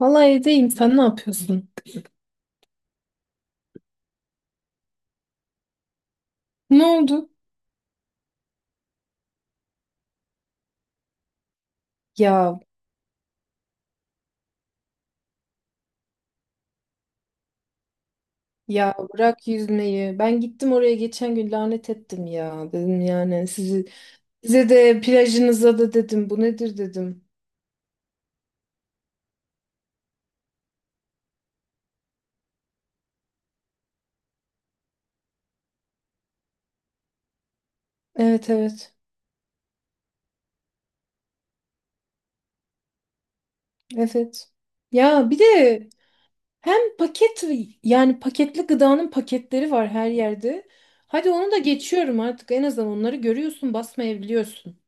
Valla evdeyim. Sen ne yapıyorsun? Ne oldu? Ya ya bırak yüzmeyi. Ben gittim oraya geçen gün lanet ettim ya. Dedim yani sizi, size de plajınıza da dedim. Bu nedir dedim. Evet evet. Evet. Ya bir de hem paket yani paketli gıdanın paketleri var her yerde. Hadi onu da geçiyorum artık. En azından onları görüyorsun, basmayabiliyorsun.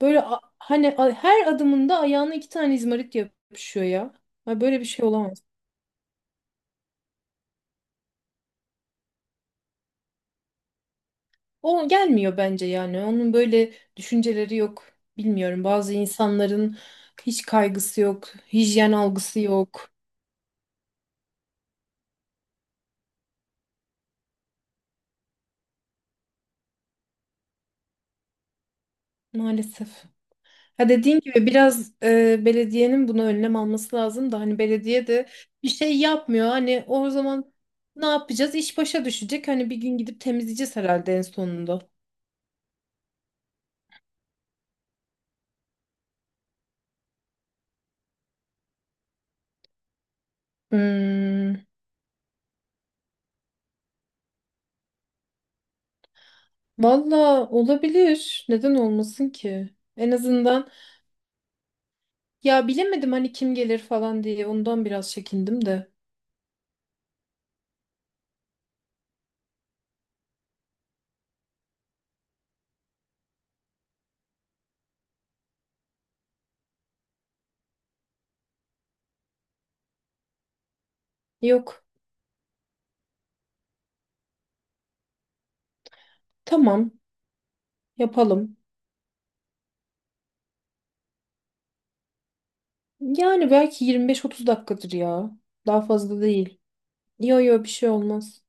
Böyle her adımında ayağına iki tane izmarit yapışıyor ya. Ha, böyle bir şey olamaz. O gelmiyor bence yani. Onun böyle düşünceleri yok. Bilmiyorum. Bazı insanların hiç kaygısı yok, hijyen algısı yok. Maalesef. Ha, dediğin gibi biraz belediyenin buna önlem alması lazım da hani belediye de bir şey yapmıyor. Hani o zaman ne yapacağız? İş başa düşecek. Hani bir gün gidip temizleyeceğiz herhalde en sonunda. Hmm, valla olabilir. Neden olmasın ki? En azından ya bilemedim hani kim gelir falan diye ondan biraz çekindim de. Yok. Tamam, yapalım. Yani belki 25-30 dakikadır ya. Daha fazla değil. Yo yo, bir şey olmaz.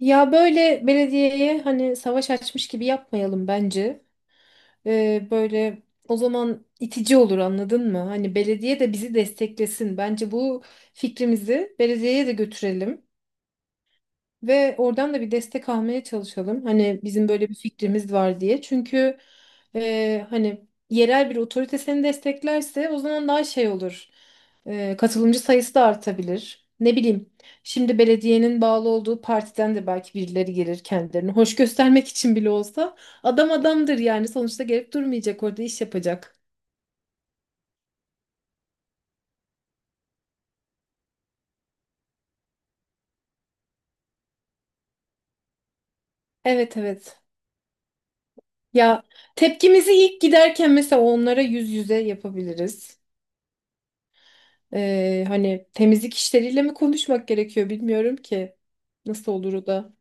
Ya böyle belediyeye hani savaş açmış gibi yapmayalım bence. Böyle o zaman itici olur, anladın mı? Hani belediye de bizi desteklesin. Bence bu fikrimizi belediyeye de götürelim. Ve oradan da bir destek almaya çalışalım. Hani bizim böyle bir fikrimiz var diye. Çünkü hani yerel bir otorite seni desteklerse o zaman daha şey olur. Katılımcı sayısı da artabilir. Ne bileyim. Şimdi belediyenin bağlı olduğu partiden de belki birileri gelir kendilerini hoş göstermek için bile olsa. Adam adamdır yani. Sonuçta gelip durmayacak, orada iş yapacak. Evet evet. Ya tepkimizi ilk giderken mesela onlara yüz yüze yapabiliriz. Hani temizlik işleriyle mi konuşmak gerekiyor bilmiyorum ki. Nasıl olur o da?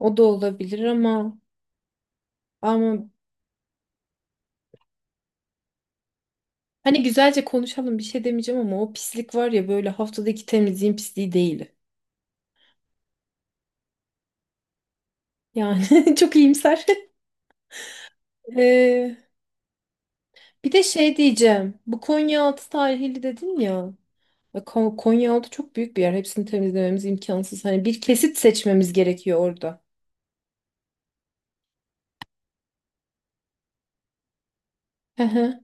O da olabilir ama ama hani güzelce konuşalım, bir şey demeyeceğim ama o pislik var ya, böyle haftadaki temizliğin pisliği değil. Yani çok iyimser. Ee, Bir de şey diyeceğim. Bu Konyaaltı sahili dedin ya. Ya Konyaaltı çok büyük bir yer. Hepsini temizlememiz imkansız. Hani bir kesit seçmemiz gerekiyor orada. Hı hı.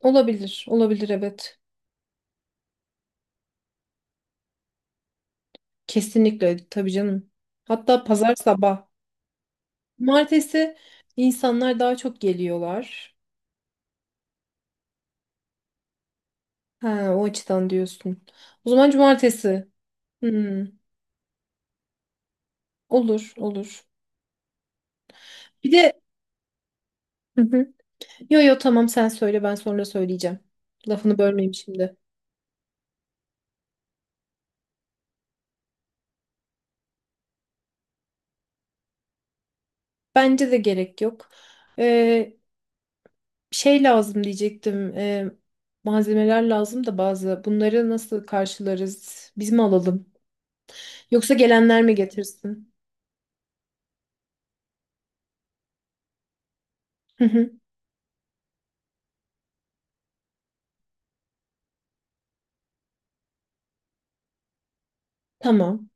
Olabilir. Olabilir evet. Kesinlikle tabii canım. Hatta pazar sabah. Cumartesi insanlar daha çok geliyorlar. Ha, o açıdan diyorsun. O zaman cumartesi. Hmm, olur olur. Bir de. Hı hı. Yo yo, tamam, sen söyle, ben sonra söyleyeceğim. Lafını bölmeyeyim şimdi. Bence de gerek yok. Ee, Şey lazım diyecektim. Malzemeler lazım da bazı. Bunları nasıl karşılarız? Biz mi alalım? Yoksa gelenler mi getirsin? Hı hı. Tamam.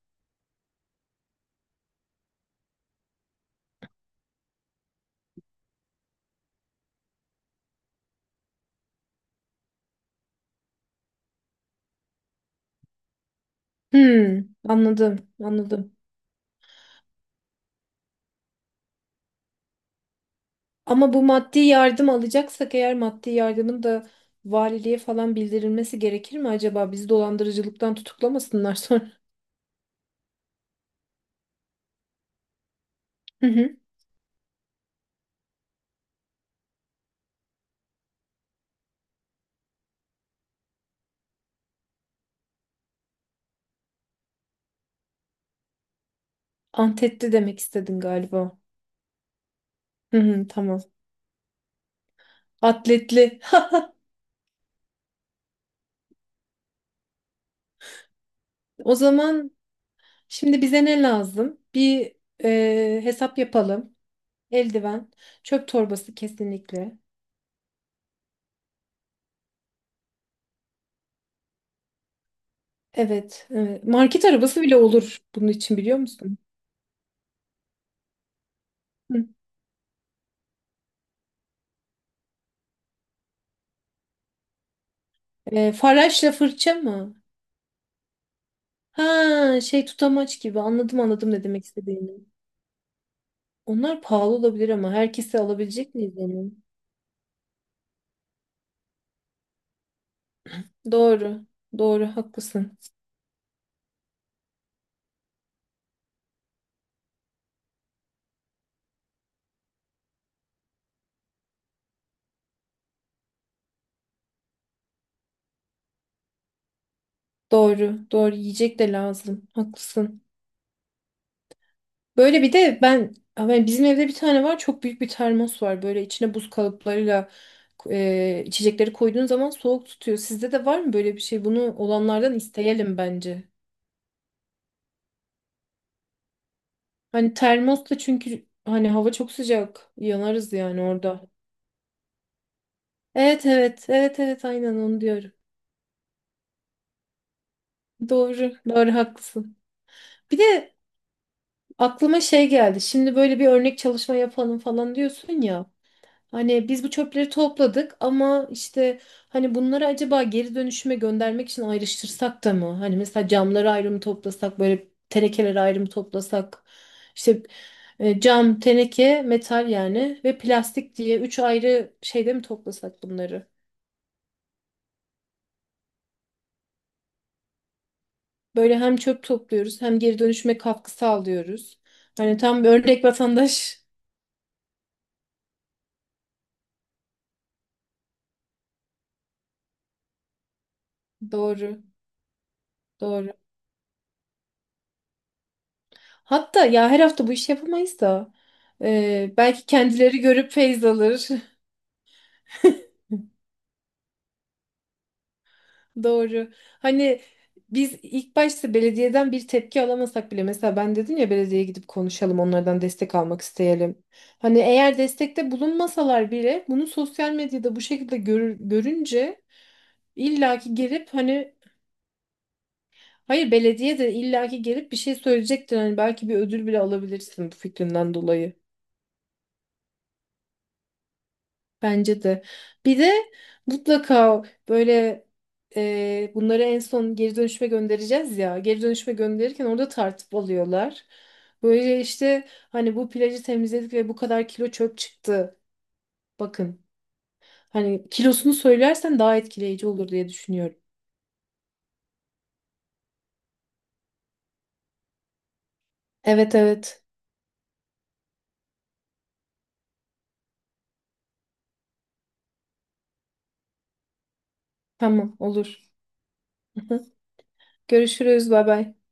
Hmm, anladım, anladım. Ama bu maddi yardım alacaksak, eğer maddi yardımın da valiliğe falan bildirilmesi gerekir mi acaba? Bizi dolandırıcılıktan tutuklamasınlar sonra. Hı hı. Antetli demek istedin galiba. Hı hı, tamam. Atletli. O zaman şimdi bize ne lazım? Bir hesap yapalım. Eldiven, çöp torbası kesinlikle. Evet, evet. Market arabası bile olur bunun için, biliyor musun? Hı. Faraşla fırça mı? Ha, şey tutamaç gibi, anladım anladım ne demek istediğini. Onlar pahalı olabilir ama herkese alabilecek miyiz onu? Doğru. Doğru haklısın. Doğru. Doğru, yiyecek de lazım. Haklısın. Böyle bir de ben, yani bizim evde bir tane var, çok büyük bir termos var. Böyle içine buz kalıplarıyla içecekleri koyduğun zaman soğuk tutuyor. Sizde de var mı böyle bir şey? Bunu olanlardan isteyelim bence. Hani termos da, çünkü hani hava çok sıcak. Yanarız yani orada. Evet evet evet evet, aynen onu diyorum. Doğru doğru haklısın. Bir de aklıma şey geldi. Şimdi böyle bir örnek çalışma yapalım falan diyorsun ya. Hani biz bu çöpleri topladık ama işte hani bunları acaba geri dönüşüme göndermek için ayrıştırsak da mı? Hani mesela camları ayrı mı toplasak, böyle tenekeleri ayrı mı toplasak? İşte cam, teneke, metal yani, ve plastik diye üç ayrı şeyde mi toplasak bunları? Böyle hem çöp topluyoruz hem geri dönüşüme katkı sağlıyoruz. Hani tam bir örnek vatandaş. Doğru, doğru. Hatta ya her hafta bu işi yapamayız da belki kendileri görüp feyz alır. Doğru. Hani biz ilk başta belediyeden bir tepki alamasak bile, mesela ben dedim ya, belediyeye gidip konuşalım, onlardan destek almak isteyelim. Hani eğer destekte bulunmasalar bile bunu sosyal medyada bu şekilde görünce illaki gelip hani. Hayır, belediye de illaki gelip bir şey söyleyecektir. Hani belki bir ödül bile alabilirsin bu fikrinden dolayı. Bence de. Bir de mutlaka böyle bunları en son geri dönüşüme göndereceğiz ya. Geri dönüşüme gönderirken orada tartıp alıyorlar. Böyle işte hani bu plajı temizledik ve bu kadar kilo çöp çıktı. Bakın. Hani kilosunu söylersen daha etkileyici olur diye düşünüyorum. Evet evet. Tamam, olur. Görüşürüz. Bay bay.